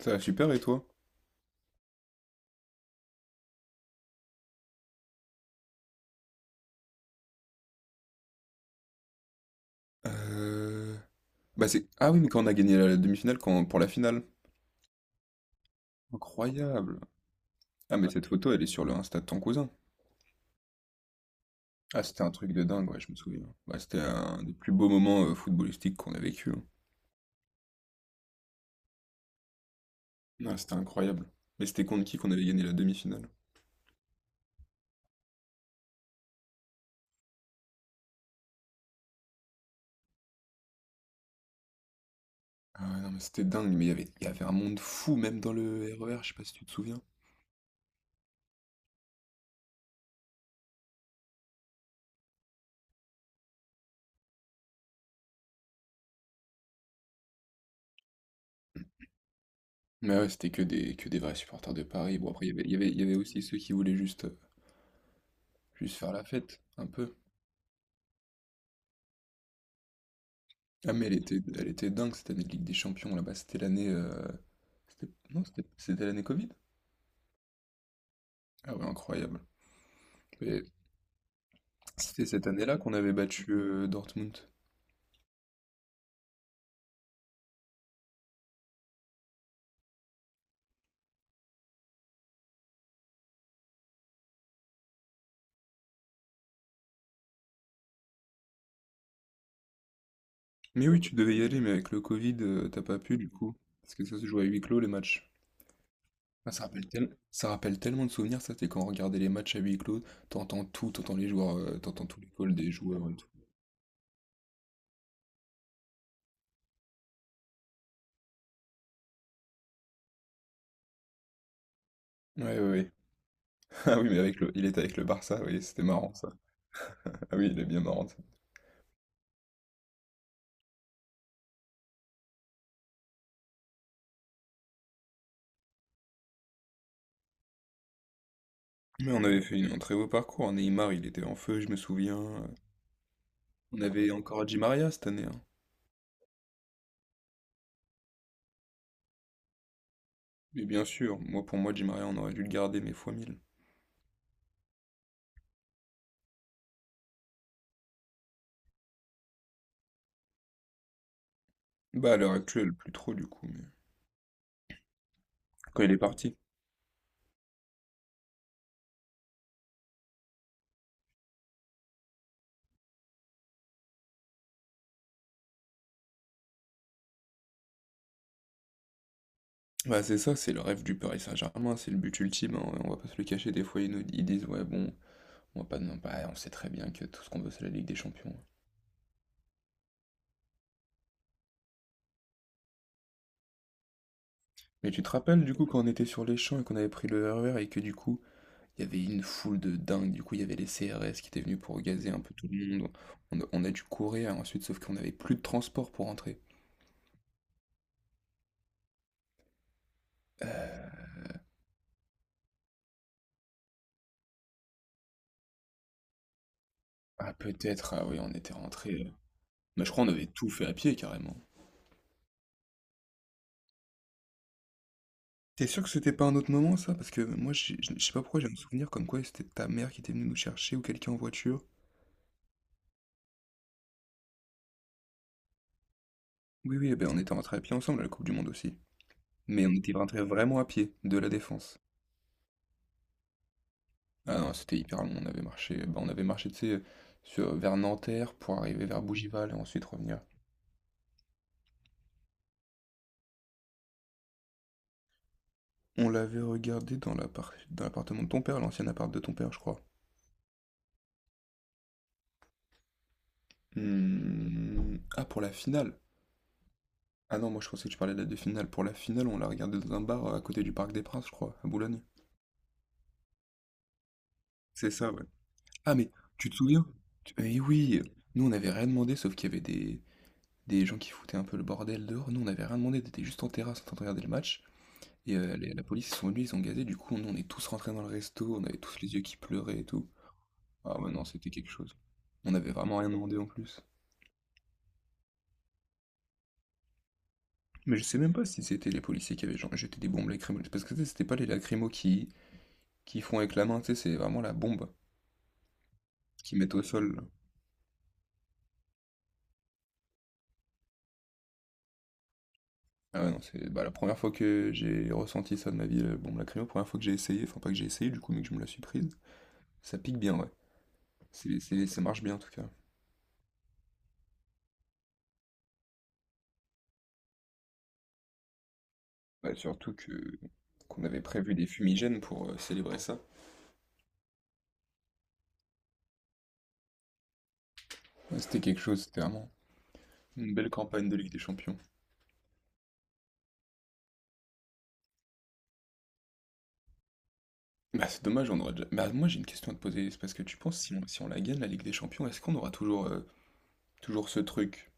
Ça va super et toi? Euh... Ah oui, mais quand on a gagné la demi-finale pour la finale. Incroyable. Ah mais cette photo, elle est sur le Insta de ton cousin. Ah c'était un truc de dingue, ouais, je me souviens. Bah, c'était un des plus beaux moments footballistiques qu'on a vécu, hein. Ah, c'était incroyable. Mais c'était contre qui qu'on avait gagné la demi-finale? Ah ouais, non mais c'était dingue, mais il y avait un monde fou même dans le RER, je sais pas si tu te souviens. Mais ouais, c'était que des vrais supporters de Paris. Bon après, il y avait... il y avait... il y avait aussi ceux qui voulaient juste faire la fête, un peu. Ah mais elle était dingue cette année de Ligue des Champions là-bas, Non, c'était l'année Covid? Ah ouais, incroyable. Et C'était cette année-là qu'on avait battu Dortmund. Mais oui, tu devais y aller, mais avec le Covid, t'as pas pu du coup. Parce que ça se jouait à huis clos les matchs. Ah, ça rappelle tellement de souvenirs, ça, c'est quand on regardait les matchs à huis clos, t'entends tout, t'entends les joueurs, t'entends tous les calls des joueurs et tout. Ouais, ouais, ouais. Ah oui, il était avec le Barça, oui, c'était marrant ça. Ah oui, il est bien marrant. Mais on avait fait un très beau parcours. Neymar, il était en feu, je me souviens. On avait encore Di Maria cette année, hein. Mais bien sûr, moi pour moi, Di Maria, on aurait dû le garder, mais fois mille. Bah à l'heure actuelle, plus trop du coup, mais quand il est parti. Bah c'est ça, c'est le rêve du Paris Saint-Germain, c'est le but ultime, hein. On va pas se le cacher, des fois ils disent ouais bon, on va pas non bah, on sait très bien que tout ce qu'on veut c'est la Ligue des Champions. Mais tu te rappelles du coup quand on était sur les champs et qu'on avait pris le RER et que du coup il y avait une foule de dingue, du coup il y avait les CRS qui étaient venus pour gazer un peu tout le monde. On a dû courir ensuite, sauf qu'on n'avait plus de transport pour rentrer. Euh, ah peut-être, ah oui, on était rentré. Mais je crois on avait tout fait à pied carrément. T'es sûr que c'était pas un autre moment ça? Parce que moi je sais pas pourquoi j'ai un souvenir comme quoi c'était ta mère qui était venue nous chercher ou quelqu'un en voiture. Oui oui, eh ben on était rentré à pied ensemble à la Coupe du Monde aussi. Mais on était rentré vraiment à pied, de la Défense. Ah non, c'était hyper long, on avait marché tu sais, vers Nanterre pour arriver vers Bougival et ensuite revenir. On l'avait regardé dans l'appartement de ton père, l'ancien appart de ton père, je crois. Hmm, ah, pour la finale. Ah non, moi je pensais que tu parlais de la de finale. Pour la finale, on l'a regardé dans un bar à côté du Parc des Princes, je crois, à Boulogne. C'est ça, ouais. Ah, mais tu te souviens? Eh oui, nous on n'avait rien demandé, sauf qu'il y avait des gens qui foutaient un peu le bordel dehors. Nous on n'avait rien demandé, on était juste en terrasse en train de regarder le match. Et la police, ils sont venus, ils ont gazé. Du coup, nous on est tous rentrés dans le resto, on avait tous les yeux qui pleuraient et tout. Ah ouais, non, c'était quelque chose. On n'avait vraiment rien demandé en plus. Mais je sais même pas si c'était les policiers qui avaient genre jeté des bombes lacrymogènes. Parce que tu sais, c'était pas les lacrymos qui font avec la main, tu sais, c'est vraiment la bombe qu'ils mettent au sol. Ah ouais, non, c'est bah, la première fois que j'ai ressenti ça de ma vie, la bombe lacrymo, la première fois que j'ai essayé, enfin pas que j'ai essayé du coup, mais que je me la suis prise. Ça pique bien, ouais. Ça marche bien en tout cas. Ouais, surtout que qu'on avait prévu des fumigènes pour célébrer ça. Ouais, c'était quelque chose, c'était vraiment une belle campagne de Ligue des Champions. Bah c'est dommage, on aura déjà... Bah moi j'ai une question à te poser, c'est parce que tu penses si on la gagne la Ligue des Champions, est-ce qu'on aura toujours, toujours ce truc.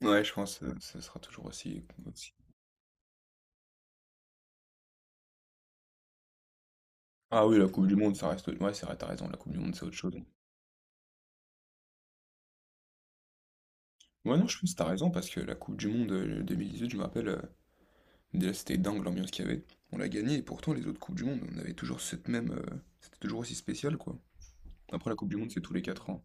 Ouais, je pense que ce sera toujours aussi, aussi. Ah oui, la Coupe du Monde, ça reste. Ouais, c'est vrai, t'as raison, la Coupe du Monde, c'est autre chose. Ouais, non, je pense que t'as raison, parce que la Coupe du Monde, 2018, je me rappelle, déjà c'était dingue l'ambiance qu'il y avait. On l'a gagnée, et pourtant, les autres Coupes du Monde, on avait toujours cette même. C'était toujours aussi spécial, quoi. Après, la Coupe du Monde, c'est tous les 4 ans.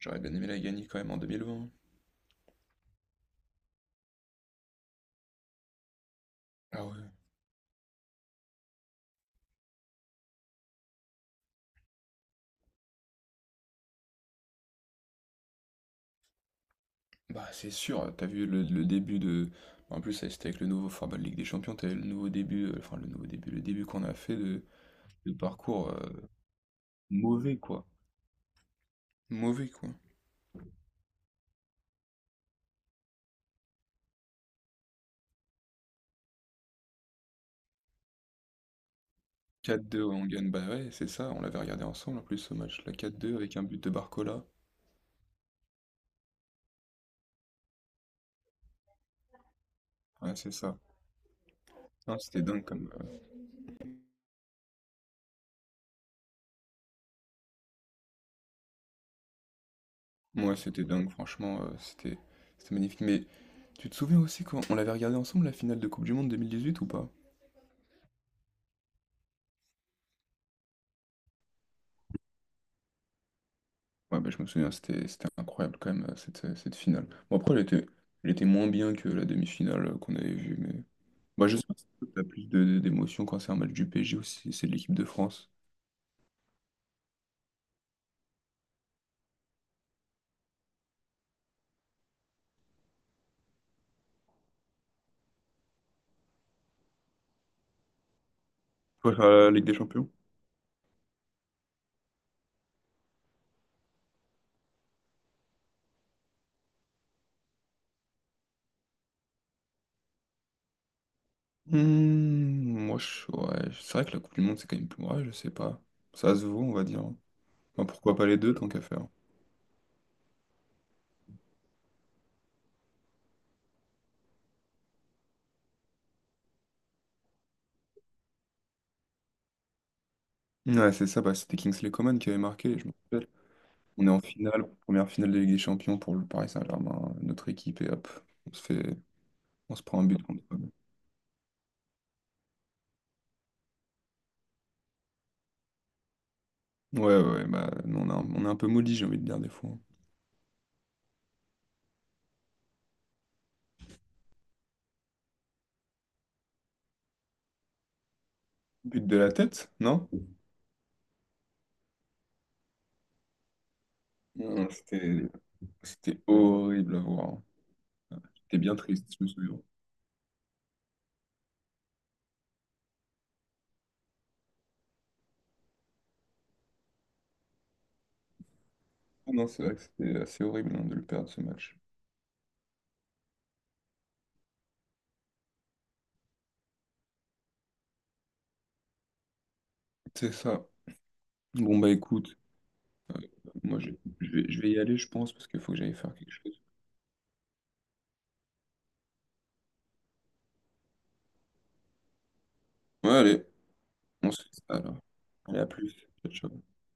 J'aurais bien aimé la gagner quand même en 2020. Ah ouais. Bah, c'est sûr, t'as vu le début de. En plus, ça, c'était avec le nouveau format de Ligue des Champions, t'as eu le nouveau début, le début qu'on a fait de parcours. Mauvais, quoi. Mauvais, quoi. 4-2, ouais, on gagne. Bah ouais, c'est ça, on l'avait regardé ensemble en plus ce match. La 4-2 avec un but de Barcola. Ouais, c'est ça. Non, c'était dingue comme. C'était dingue, franchement, c'était magnifique. Mais tu te souviens aussi quand on l'avait regardé ensemble la finale de Coupe du Monde 2018 ou pas? Ouais, bah je me souviens, c'était incroyable quand même, cette finale. Bon, après, elle était moins bien que la demi-finale qu'on avait vue, mais. Bah, je sais pas si t'as plus d'émotion quand c'est un match du PSG ou si c'est de l'équipe de France. Toi, la Ligue des Champions? Hmm, moi, je, ouais, c'est vrai que la Coupe du Monde, c'est quand même plus. Ouais, je sais pas. Ça se vaut, on va dire. Enfin, pourquoi pas les deux, tant qu'à faire. Ouais, c'est ça, bah, c'était Kingsley Coman qui avait marqué, je me rappelle. On est en finale, première finale de Ligue des Champions pour le Paris Saint-Germain, notre équipe, et hop, on se fait, on se prend un but contre eux. Ouais, ouais, bah, nous, on a on est un peu maudits, j'ai envie de dire, des fois. But de la tête, non? Non, c'était horrible à voir. C'était bien triste, je me souviens. Ah non, c'est vrai que c'était assez horrible, hein, de le perdre, ce match. C'est ça. Bon, bah écoute, euh, moi je, je vais y aller, je pense, parce qu'il faut que j'aille faire quelque chose. Ouais, allez, on se fait ça alors. Allez, à plus. Ciao, ciao.